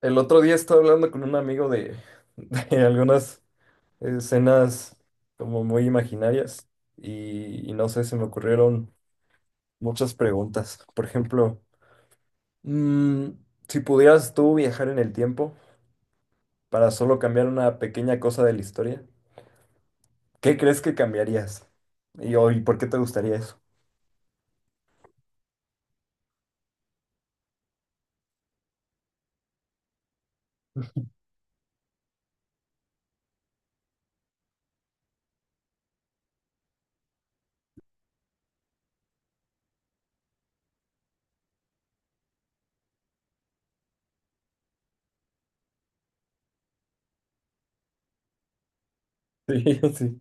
El otro día estaba hablando con un amigo de algunas escenas como muy imaginarias y no sé, se me ocurrieron muchas preguntas. Por ejemplo, mm, si pudieras tú viajar en el tiempo para solo cambiar una pequeña cosa de la historia, ¿qué crees que cambiarías? ¿Y por qué te gustaría eso? Sí, sí.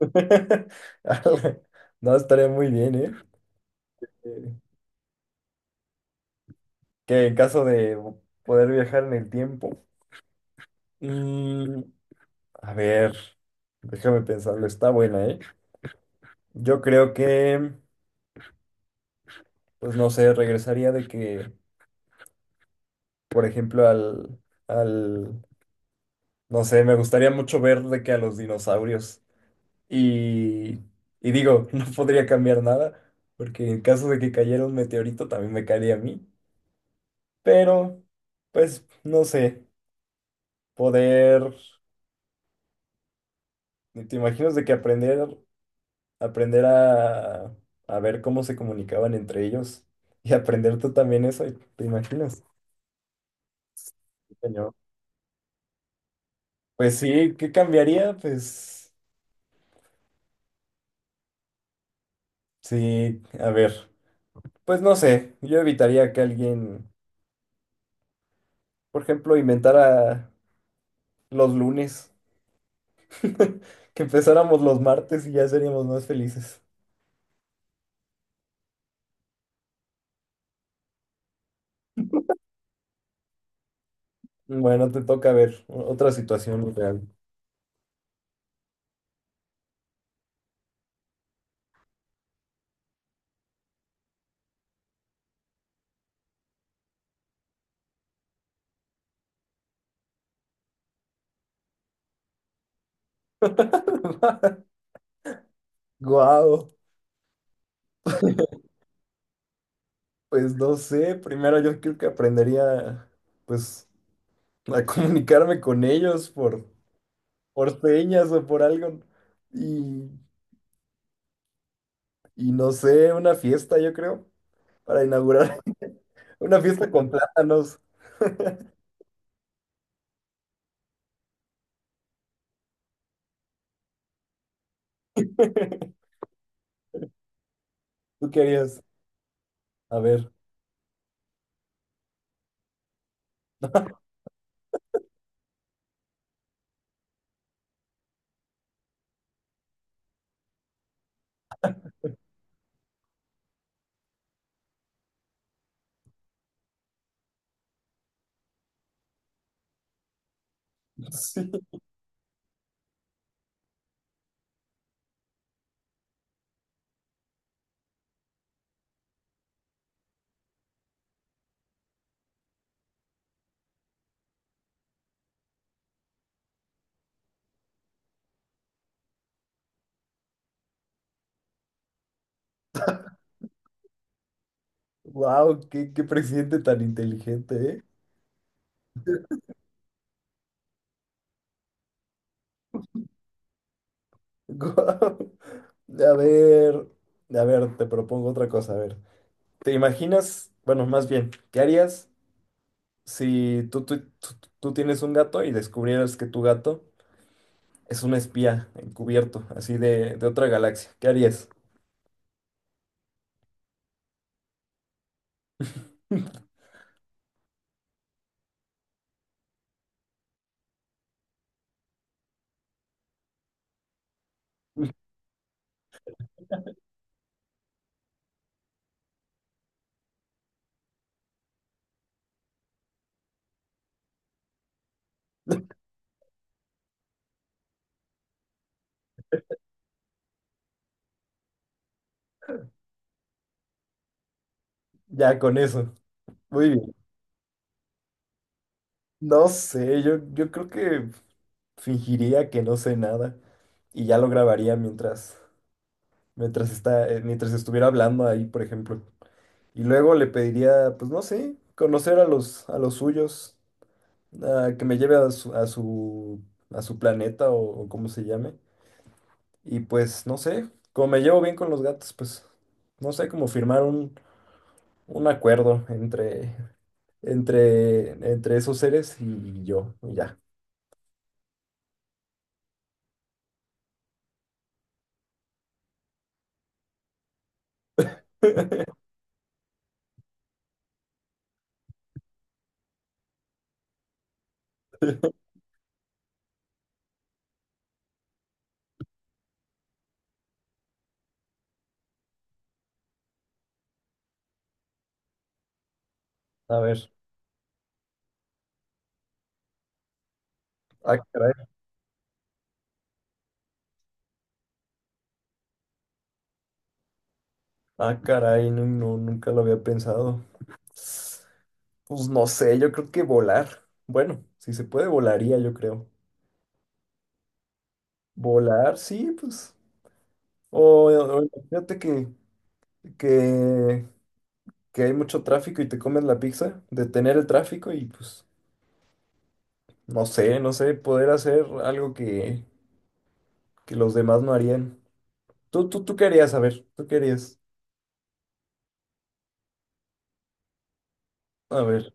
Ala, no, estaría muy bien, ¿eh? Eh, Que en caso de poder viajar en el tiempo. A ver, déjame pensarlo, está buena, ¿eh? Yo creo que, pues no sé, regresaría de que, por ejemplo, al, no sé, me gustaría mucho ver de que a los dinosaurios. Y, y digo, no podría cambiar nada, porque en caso de que cayera un meteorito también me caería a mí. Pero, pues, no sé, poder, ¿te imaginas de que aprender? Aprender a ver cómo se comunicaban entre ellos y aprender tú también eso, ¿te imaginas? Sí, señor. Pues sí, ¿qué cambiaría? Pues sí, a ver, pues no sé, yo evitaría que alguien, por ejemplo, inventara los lunes, que empezáramos los martes y ya seríamos más felices. Bueno, te toca ver otra situación real. Guau, pues no sé, primero yo creo que aprendería, pues a comunicarme con ellos por señas o por algo. Y, y no sé, una fiesta, yo creo, para inaugurar una fiesta con plátanos. ¿Tú qué harías? A ver. Sí. Wow, qué, qué presidente tan inteligente, ¿eh? Guau. A ver, a ver, te propongo otra cosa. A ver, ¿te imaginas? Bueno, más bien, ¿qué harías si tú tienes un gato y descubrieras que tu gato es un espía encubierto, así de otra galaxia. ¿Qué harías? Ya con eso. Muy bien. No sé, yo creo que fingiría que no sé nada y ya lo grabaría mientras, mientras está, mientras estuviera hablando ahí, por ejemplo. Y luego le pediría, pues no sé, conocer a a los suyos, a que me lleve a su planeta o como se llame. Y pues no sé, como me llevo bien con los gatos, pues no sé, como firmar un acuerdo entre esos seres y yo, y ya. A ver, ah, caray, no, no, nunca lo había pensado. Pues no sé, yo creo que volar. Bueno, si se puede, volaría, yo creo. Volar, sí, pues. O imagínate que, que hay mucho tráfico y te comes la pizza, detener el tráfico y pues, no sé, no sé, poder hacer algo que los demás no harían. ¿Tú qué harías? A ver, ¿tú qué harías? A ver.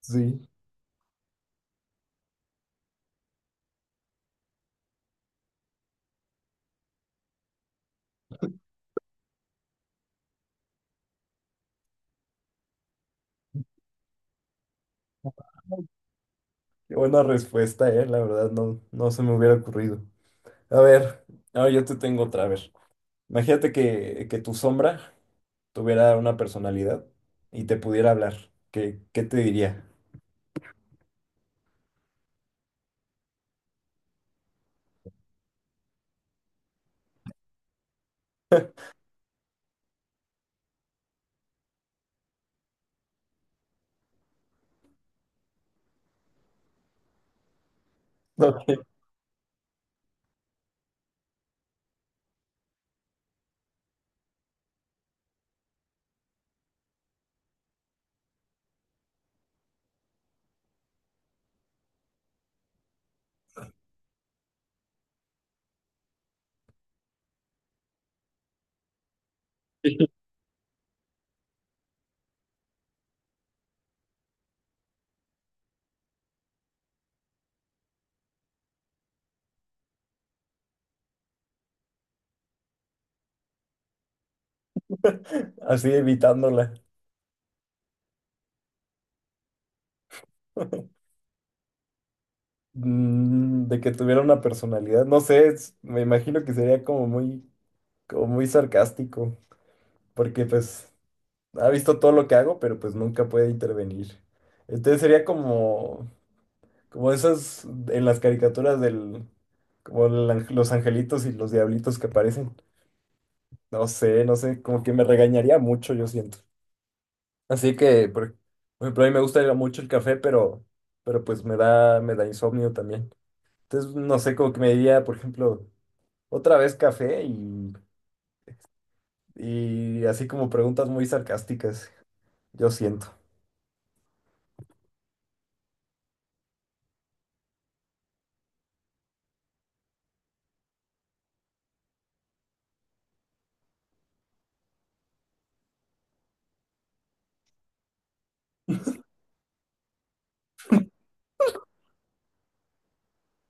Sí, qué buena respuesta, eh. La verdad, no, no se me hubiera ocurrido. A ver, ahora yo te tengo otra vez. Imagínate que tu sombra tuviera una personalidad y te pudiera hablar. ¿Qué, qué te diría? Ok. Así evitándola. De que tuviera una personalidad. No sé, me imagino que sería como muy sarcástico. Porque pues ha visto todo lo que hago, pero pues nunca puede intervenir. Entonces sería como. Como esas en las caricaturas del, como los angelitos y los diablitos que aparecen. No sé, no sé, como que me regañaría mucho, yo siento. Así que, por ejemplo, a mí me gusta mucho el café, pero pues me da insomnio también. Entonces, no sé, como que me diría, por ejemplo, otra vez café y así como preguntas muy sarcásticas, yo siento.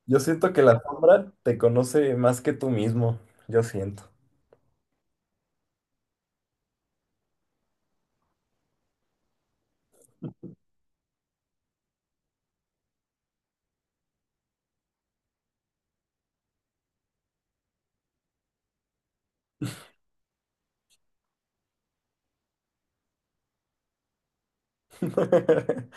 Yo siento que la sombra te conoce más que tú mismo, yo siento.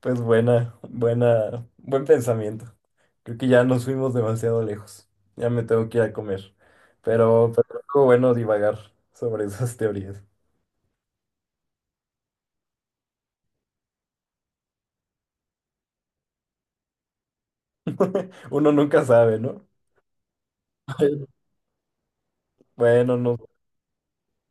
Pues buen pensamiento. Creo que ya nos fuimos demasiado lejos. Ya me tengo que ir a comer. Pero estuvo bueno divagar sobre esas teorías. Uno nunca sabe, ¿no? Bueno, nos